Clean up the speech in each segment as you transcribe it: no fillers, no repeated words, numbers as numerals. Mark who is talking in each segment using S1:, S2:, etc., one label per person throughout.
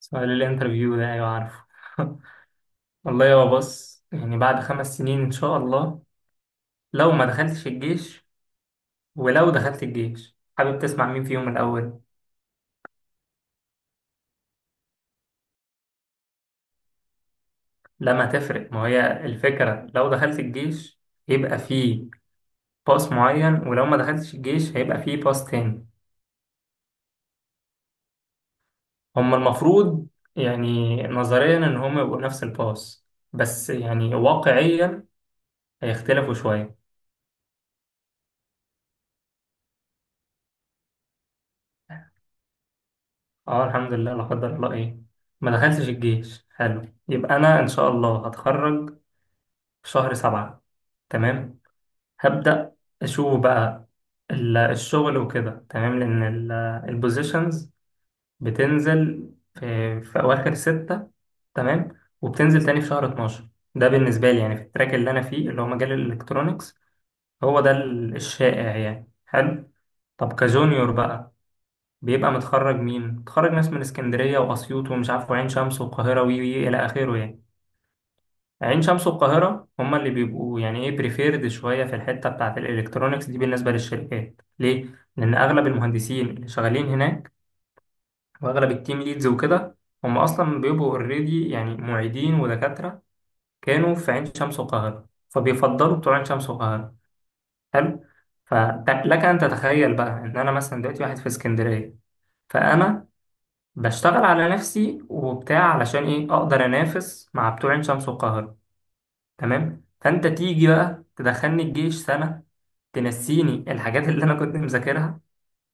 S1: سؤال الانترفيو ده، ايوه عارفه. والله يا بص، يعني بعد 5 سنين ان شاء الله. لو ما دخلتش الجيش ولو دخلت الجيش، حابب تسمع مين فيهم الاول؟ لما تفرق، ما هي الفكرة لو دخلت الجيش يبقى فيه باس معين، ولو ما دخلتش الجيش هيبقى فيه باس تاني. هما المفروض، يعني نظريا، ان هما يبقوا نفس الباس، بس يعني واقعيا هيختلفوا شوية. اه الحمد لله، لا قدر الله، ايه، ما دخلتش الجيش، حلو. يبقى انا ان شاء الله هتخرج في شهر 7. تمام، هبدأ اشوف بقى الشغل وكده. تمام لان البوزيشنز بتنزل في اواخر ستة. تمام، وبتنزل تاني في شهر 12. ده بالنسبة لي، يعني في التراك اللي انا فيه، اللي هو مجال الالكترونيكس، هو ده الشائع، يعني حلو. طب كجونيور بقى، بيبقى متخرج مين؟ متخرج ناس من اسكندرية وأسيوط ومش عارف وعين شمس والقاهرة وي وي إلى آخره يعني. عين شمس والقاهرة هما اللي بيبقوا يعني إيه بريفيرد شوية في الحتة بتاعة الإلكترونيكس دي. بالنسبة للشركات ليه؟ لأن أغلب المهندسين اللي شغالين هناك وأغلب التيم ليدز وكده، هم أصلا بيبقوا أوريدي يعني معيدين ودكاترة، كانوا في عين شمس والقاهرة، فبيفضلوا بتوع عين شمس والقاهرة. حلو؟ فلك أن تتخيل بقى إن أنا مثلا دلوقتي واحد في اسكندرية، فأنا بشتغل على نفسي وبتاع علشان ايه اقدر انافس مع بتوع عين شمس والقاهره. تمام، فانت تيجي بقى تدخلني الجيش سنه، تنسيني الحاجات اللي انا كنت مذاكرها.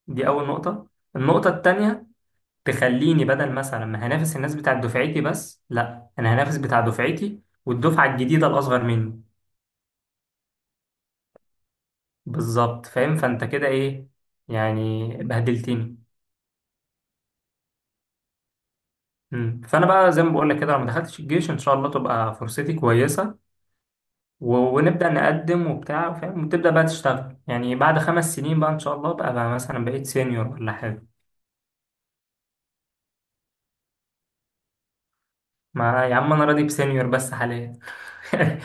S1: دي اول نقطه. النقطه التانية، تخليني بدل مثلا ما هنافس الناس بتاع دفعتي بس، لا، انا هنافس بتاع دفعتي والدفعه الجديده الاصغر مني. بالظبط فاهم. فانت كده ايه يعني، بهدلتني. مم. فانا بقى زي ما بقول لك كده، لما دخلتش الجيش ان شاء الله تبقى فرصتي كويسه، ونبدأ نقدم وبتاع فاهم، وتبدأ بقى تشتغل. يعني بعد خمس سنين بقى إن شاء الله بقى مثلا بقيت سينيور ولا حاجة. ما يا عم أنا راضي بسينيور بس حاليا.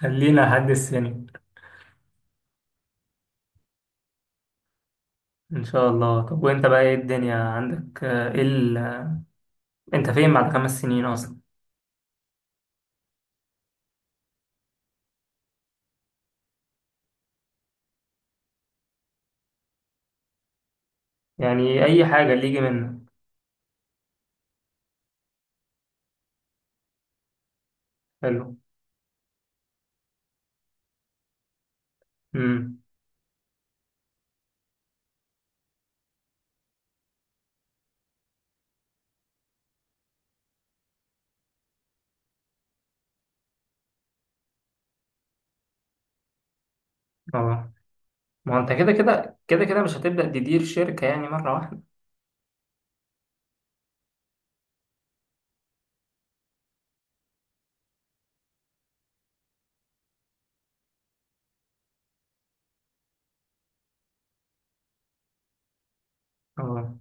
S1: خلينا لحد السينيور. إن شاء الله. طب وأنت بقى إيه الدنيا عندك؟ إيه أنت فين بعد خمس سنين أصلا؟ يعني أي حاجة اللي يجي منك. حلو. أمم. أه. ما هو أنت كده كده كده كده مش هتبدأ تدير شركة يعني مرة واحدة. أه،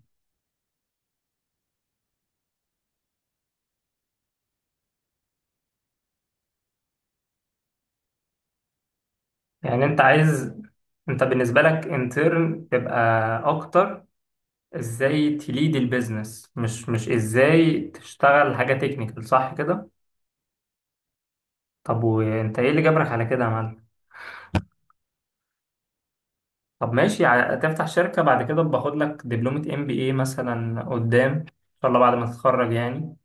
S1: يعني أنت عايز، أنت بالنسبة لك انترن تبقى أكتر ازاي تليد البيزنس، مش ازاي تشتغل حاجة تكنيكال، صح كده؟ طب وانت ايه اللي جبرك على كده يا معلم؟ طب ماشي، تفتح شركة. بعد كده باخد لك دبلومة ام بي اي مثلا قدام، ان شاء الله بعد ما تتخرج يعني.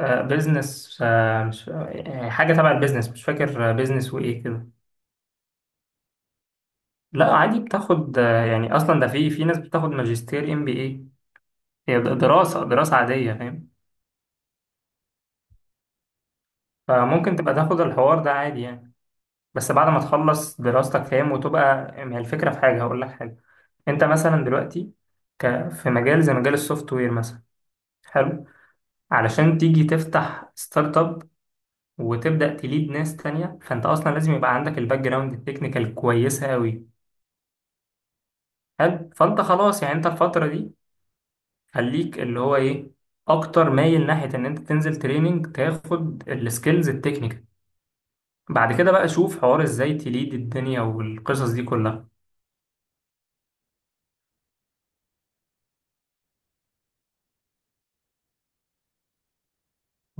S1: وبزنس، مش حاجة تبع البيزنس مش فاكر، بيزنس وايه كده. لا عادي بتاخد يعني اصلا ده في ناس بتاخد ماجستير ام بي اي. هي دراسة عادية فاهم. فممكن تبقى تاخد الحوار ده عادي يعني، بس بعد ما تخلص دراستك فاهم. وتبقى، ما هي الفكرة، في حاجة هقول لك حاجة. انت مثلا دلوقتي في مجال زي مجال السوفت وير مثلا، حلو، علشان تيجي تفتح ستارت اب وتبدأ تليد ناس تانية، فانت اصلا لازم يبقى عندك الباك جراوند التكنيكال كويسة قوي. حلو. فانت خلاص يعني، انت الفترة دي خليك اللي هو ايه، اكتر مايل ناحية ان انت تنزل تريننج تاخد السكيلز التكنيكال. بعد كده بقى شوف حوار ازاي تليد الدنيا والقصص دي كلها.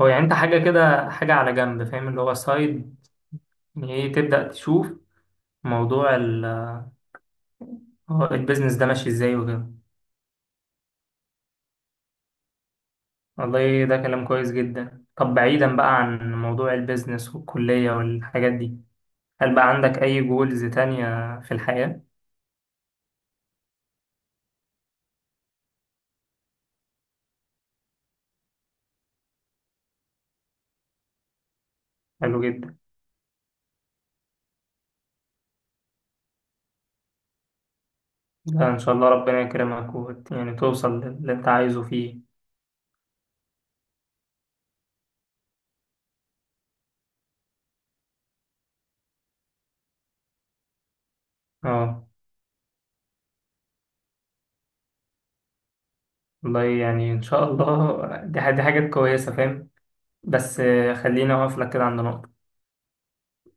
S1: هو يعني انت حاجة كده، حاجة على جنب فاهم، اللي هو سايد. يعني ايه، تبدأ تشوف موضوع هو البيزنس ده ماشي ازاي وكده. والله ده كلام كويس جدا. طب بعيدا بقى عن موضوع البيزنس والكلية والحاجات دي، هل بقى عندك أي جولز تانية في الحياة؟ حلو جدا. ده إن شاء الله ربنا يكرمك، يعني توصل للي أنت عايزه فيه. اه. والله يعني إن شاء الله. دي حاجات كويسة فاهم. بس خليني أقف لك كده عند نقطة.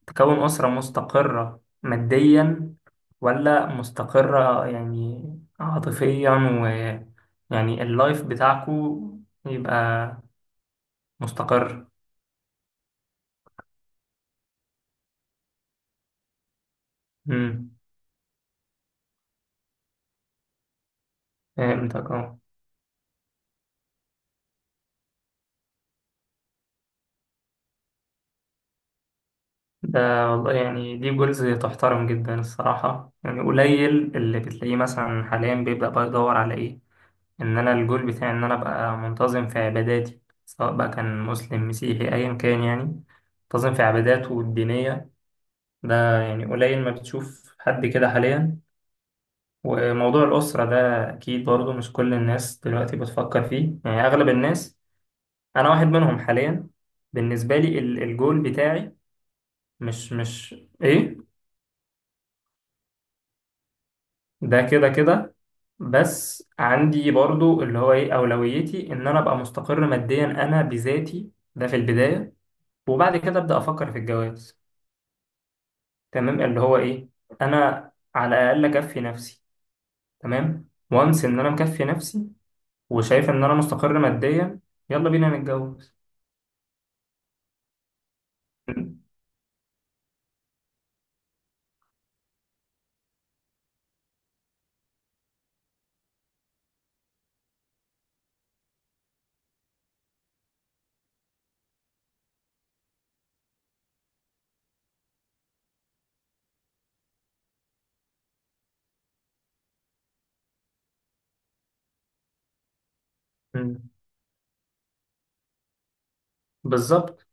S1: تكون أسرة مستقرة ماديا؟ ولا مستقرة يعني عاطفيا؟ ويعني اللايف بتاعكو يبقى مستقر؟ امم. فهمتك. اه. ده والله يعني دي جولز تحترم جدا الصراحة. يعني قليل اللي بتلاقيه مثلا حاليا بيبدأ بقى يدور على ايه، ان انا الجول بتاعي ان انا ابقى منتظم في عباداتي، سواء بقى كان مسلم مسيحي ايا كان يعني، منتظم في عباداته الدينية. ده يعني قليل ما بتشوف حد كده حاليا. وموضوع الأسرة ده أكيد برضه مش كل الناس دلوقتي بتفكر فيه. يعني أغلب الناس، أنا واحد منهم حاليا. بالنسبة لي الجول بتاعي مش إيه، ده كده كده. بس عندي برضه اللي هو إيه، أولويتي إن أنا أبقى مستقر ماديا أنا بذاتي ده في البداية، وبعد كده أبدأ أفكر في الجواز. تمام، اللي هو إيه، أنا على الأقل أكفي نفسي. تمام، وانس ان انا مكفي نفسي وشايف ان انا مستقر ماديا، يلا بينا نتجوز. م- م- بالظبط.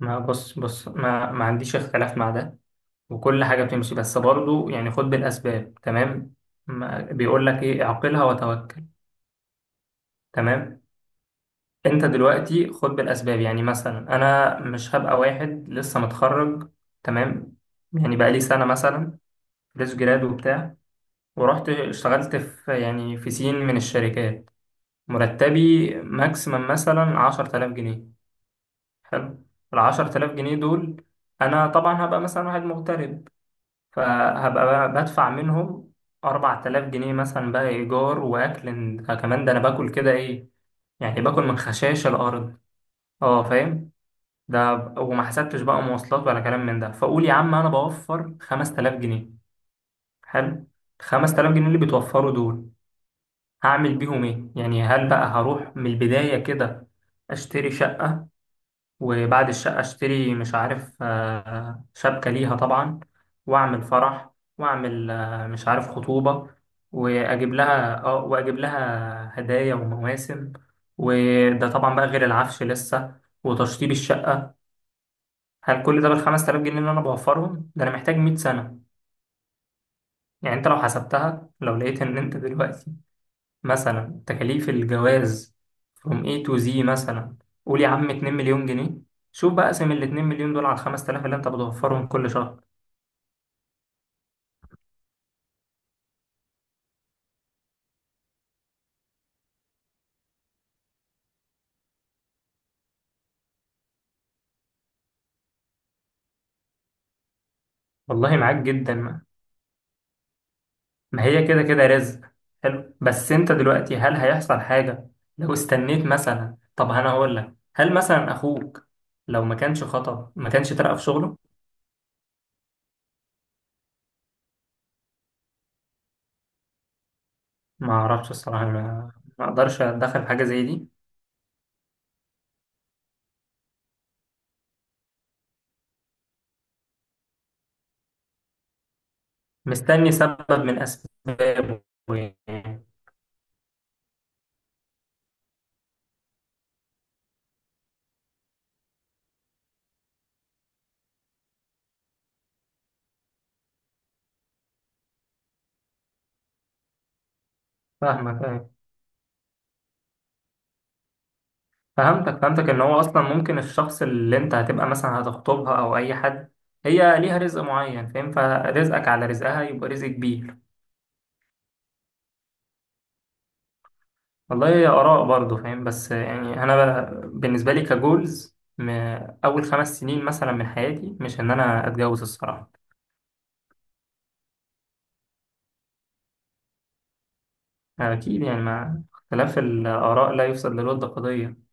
S1: ما بص بص، ما عنديش اختلاف مع ده وكل حاجة بتمشي. بس برضه يعني خد بالأسباب، تمام؟ ما بيقول لك ايه؟ اعقلها وتوكل. تمام. انت دلوقتي خد بالأسباب. يعني مثلا انا مش هبقى واحد لسه متخرج، تمام؟ يعني بقى لي سنة مثلا، فريش جراد وبتاع، ورحت اشتغلت يعني في سين من الشركات. مرتبي ماكسيمم مثلا 10000 جنيه. حلو. العشر تلاف جنيه دول، أنا طبعا هبقى مثلا واحد مغترب، فهبقى بقى بدفع منهم أربع تلاف جنيه مثلا بقى إيجار وأكل. كمان ده أنا باكل كده إيه، يعني باكل من خشاش الأرض. أه فاهم. ده وما حسبتش بقى مواصلات ولا كلام من ده. فقول يا عم أنا بوفر خمس تلاف جنيه. حلو. خمس تلاف جنيه اللي بتوفروا دول هعمل بيهم إيه؟ يعني هل بقى هروح من البداية كده أشتري شقة؟ وبعد الشقة اشتري مش عارف شبكة ليها طبعا، واعمل فرح، واعمل مش عارف خطوبة، واجيب لها هدايا ومواسم. وده طبعا بقى غير العفش لسه وتشطيب الشقة. هل كل ده بالخمس تلاف جنيه اللي انا بوفرهم ده؟ انا محتاج 100 سنة. يعني انت لو حسبتها، لو لقيت ان انت دلوقتي مثلا تكاليف الجواز from A to Z مثلا، قول يا عم 2 مليون جنيه. شوف بقى، اقسم ال 2 مليون دول على ال 5000 اللي انت بتوفرهم كل شهر. والله معاك جدا. ما هي كده كده رزق. حلو، بس انت دلوقتي هل هيحصل حاجة لو استنيت مثلا؟ طب انا هقول لك، هل مثلا اخوك لو ما كانش خطب ما كانش ترقى في شغله؟ ما اعرفش الصراحة، ما اقدرش اتدخل في حاجة زي دي. مستني سبب من اسبابه يعني. فاهمك. فهمتك، ان هو اصلا ممكن الشخص اللي انت هتبقى مثلا هتخطبها او اي حد، هي ليها رزق معين فاهم، فرزقك على رزقها يبقى رزق كبير. والله هي اراء برضه فاهم. بس يعني انا بالنسبه لي كجولز، اول خمس سنين مثلا من حياتي مش ان انا اتجوز الصراحه. اكيد يعني، مع اختلاف الاراء لا يفسد للود قضيه.